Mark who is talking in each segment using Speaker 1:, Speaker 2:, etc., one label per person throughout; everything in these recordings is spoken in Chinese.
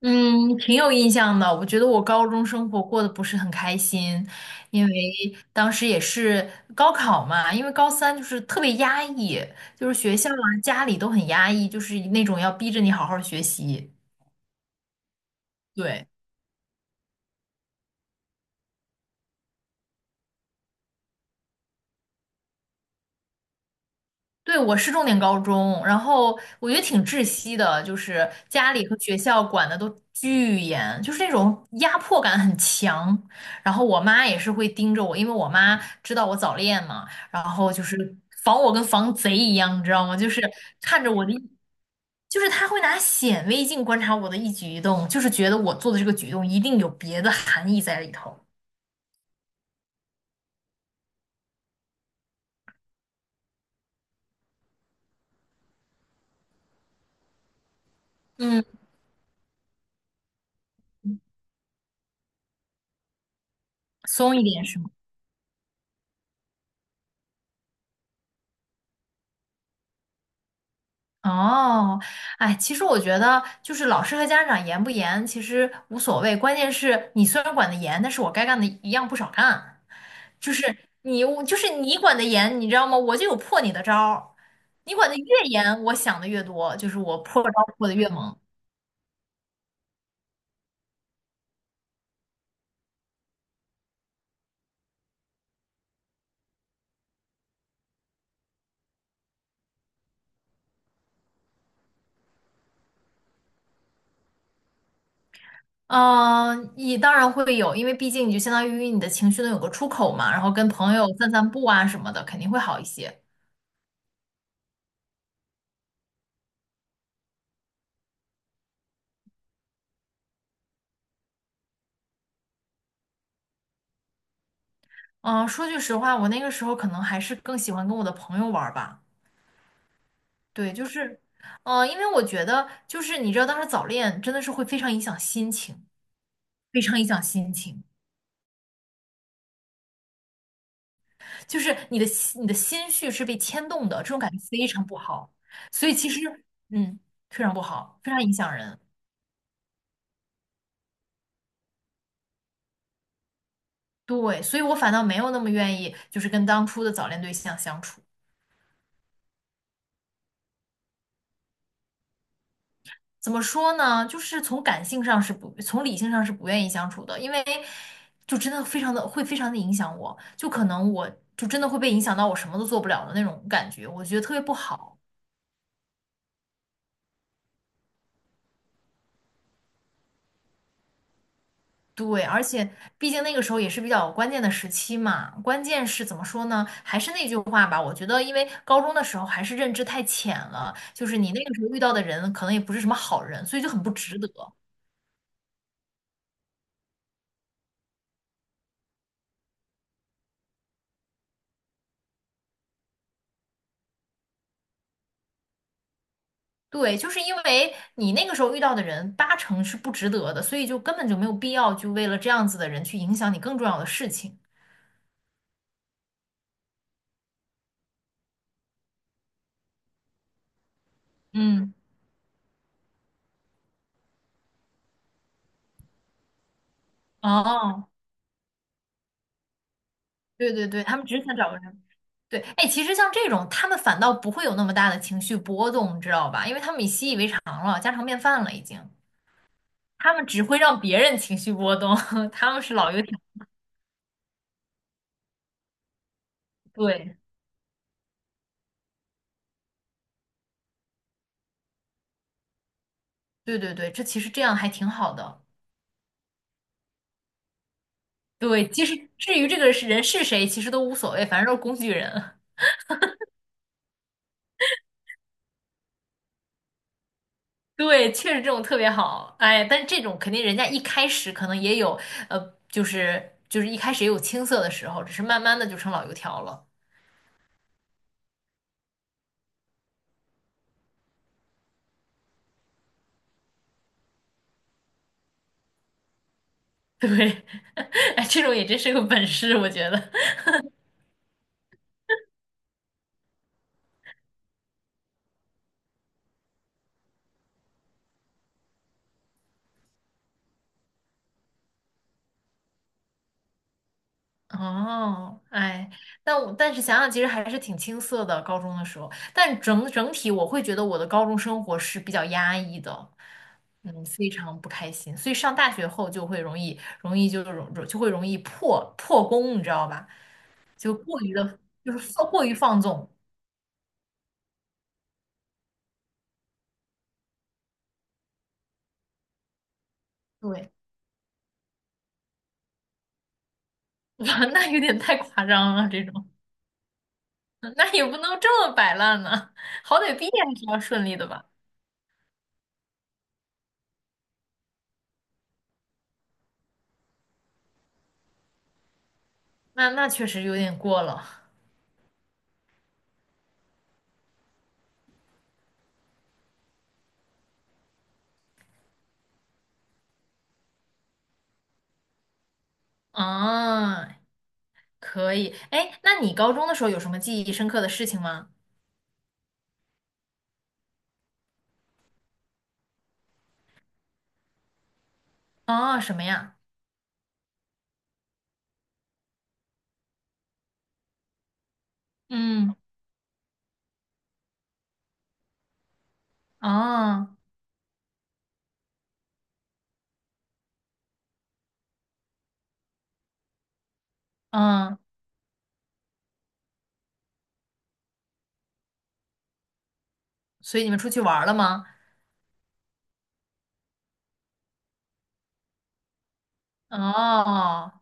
Speaker 1: 嗯，挺有印象的。我觉得我高中生活过得不是很开心，因为当时也是高考嘛，因为高三就是特别压抑，就是学校啊、家里都很压抑，就是那种要逼着你好好学习。对。对，我是重点高中，然后我觉得挺窒息的，就是家里和学校管的都巨严，就是那种压迫感很强。然后我妈也是会盯着我，因为我妈知道我早恋嘛，然后就是防我跟防贼一样，你知道吗？就是看着我的一就是她会拿显微镜观察我的一举一动，就是觉得我做的这个举动一定有别的含义在里头。嗯，松一点是吗？哦，哎，其实我觉得就是老师和家长严不严其实无所谓，关键是你虽然管得严，但是我该干的一样不少干。就是你管得严，你知道吗？我就有破你的招儿。你管得越严，我想的越多，就是我破招破的越猛。嗯，你当然会有，因为毕竟你就相当于你的情绪能有个出口嘛，然后跟朋友散散步啊什么的，肯定会好一些。嗯，说句实话，我那个时候可能还是更喜欢跟我的朋友玩儿吧。对，就是，因为我觉得，就是你知道，当时早恋真的是会非常影响心情，非常影响心情，就是你的心绪是被牵动的，这种感觉非常不好。所以其实，嗯，非常不好，非常影响人。对，所以我反倒没有那么愿意，就是跟当初的早恋对象相处。怎么说呢？从理性上是不愿意相处的，因为就真的非常的影响我，就可能我就真的会被影响到我什么都做不了的那种感觉，我觉得特别不好。对，而且毕竟那个时候也是比较关键的时期嘛，关键是怎么说呢？还是那句话吧，我觉得因为高中的时候还是认知太浅了，就是你那个时候遇到的人可能也不是什么好人，所以就很不值得。对，就是因为你那个时候遇到的人八成是不值得的，所以就根本就没有必要就为了这样子的人去影响你更重要的事情。嗯，哦，对对对，他们只想找个人。对，哎，其实像这种，他们反倒不会有那么大的情绪波动，你知道吧？因为他们已习以为常了，家常便饭了已经。他们只会让别人情绪波动，他们是老油条。对，对对对，这其实这样还挺好的。对，其实至于这个是人是谁，其实都无所谓，反正都是工具人。对，确实这种特别好。哎但这种肯定人家一开始可能也有，就是就是一开始也有青涩的时候，只是慢慢的就成老油条了。对，哎，这种也真是个本事，我觉得。哦，哎，但是想想，其实还是挺青涩的，高中的时候。但整体，我会觉得我的高中生活是比较压抑的，嗯，非常不开心。所以上大学后就会容易破功，你知道吧？就过于的，就是放过于放纵。对，那有点太夸张了，这种，那也不能这么摆烂呢，好歹毕业还是要顺利的吧？那确实有点过了，啊，可以，哎，那你高中的时候有什么记忆深刻的事情吗？啊，什么呀？嗯，啊嗯，所以你们出去玩儿了吗？哦，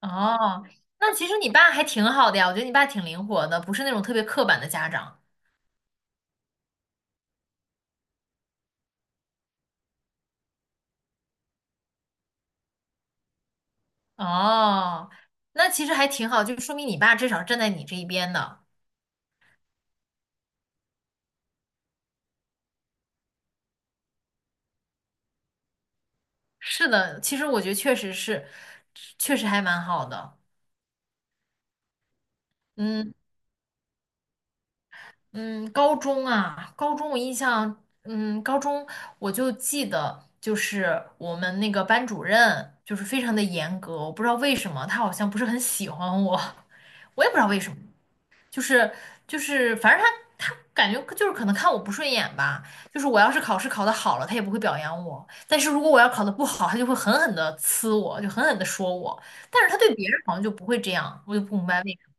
Speaker 1: 哦，那其实你爸还挺好的呀，我觉得你爸挺灵活的，不是那种特别刻板的家长。哦，那其实还挺好，就说明你爸至少站在你这一边的。是的，其实我觉得确实是，确实还蛮好的。嗯嗯，高中啊，高中我就记得，就是我们那个班主任就是非常的严格，我不知道为什么，他好像不是很喜欢我，我也不知道为什么。就是反正他感觉就是可能看我不顺眼吧。就是我要是考试考得好了，他也不会表扬我；但是如果我要考得不好，他就会狠狠的呲我，就狠狠的说我。但是他对别人好像就不会这样，我就不明白为什么。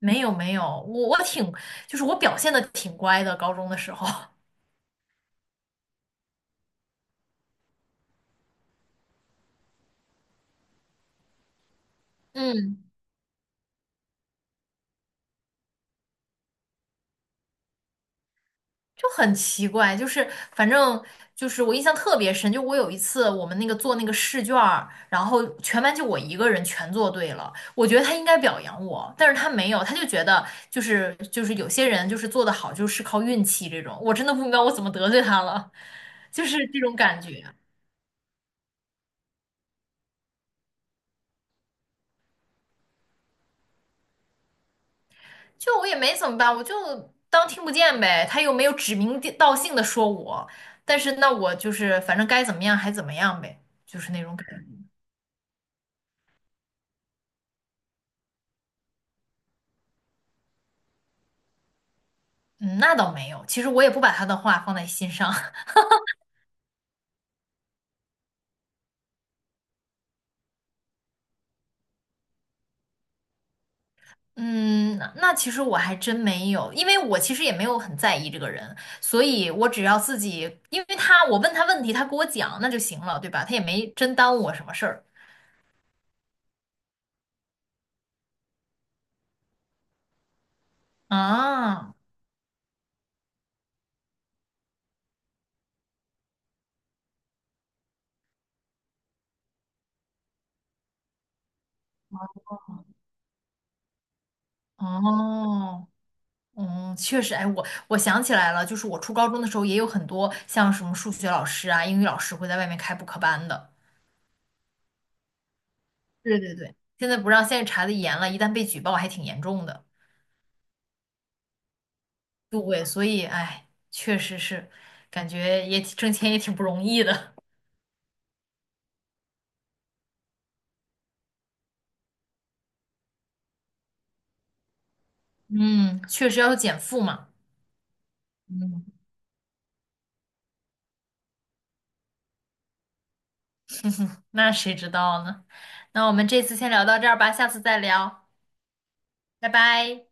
Speaker 1: 没有没有，我表现的挺乖的，高中的时候。嗯就很奇怪，就是反正就是我印象特别深，就我有一次我们那个做那个试卷儿然后全班就我一个人全做对了，我觉得他应该表扬我，但是他没有，他就觉得就是有些人就是做得好就是靠运气这种，我真的不明白我怎么得罪他了，就是这种感觉，就我也没怎么办，我就当听不见呗，他又没有指名地道姓的说我，但是那我就是反正该怎么样还怎么样呗，就是那种感觉。嗯，那倒没有。其实我也不把他的话放在心上。嗯，那那其实我还真没有，因为我其实也没有很在意这个人，所以我只要自己，因为他，我问他问题，他给我讲，那就行了，对吧？他也没真耽误我什么事儿啊。哦，嗯，确实，哎，我我想起来了，就是我初高中的时候也有很多像什么数学老师啊、英语老师会在外面开补课班的。对对对，现在不让，现在查的严了，一旦被举报还挺严重的。对，所以哎，确实是，感觉也挺挣钱也挺不容易的。嗯，确实要有减负嘛。嗯，那谁知道呢？那我们这次先聊到这儿吧，下次再聊，拜拜。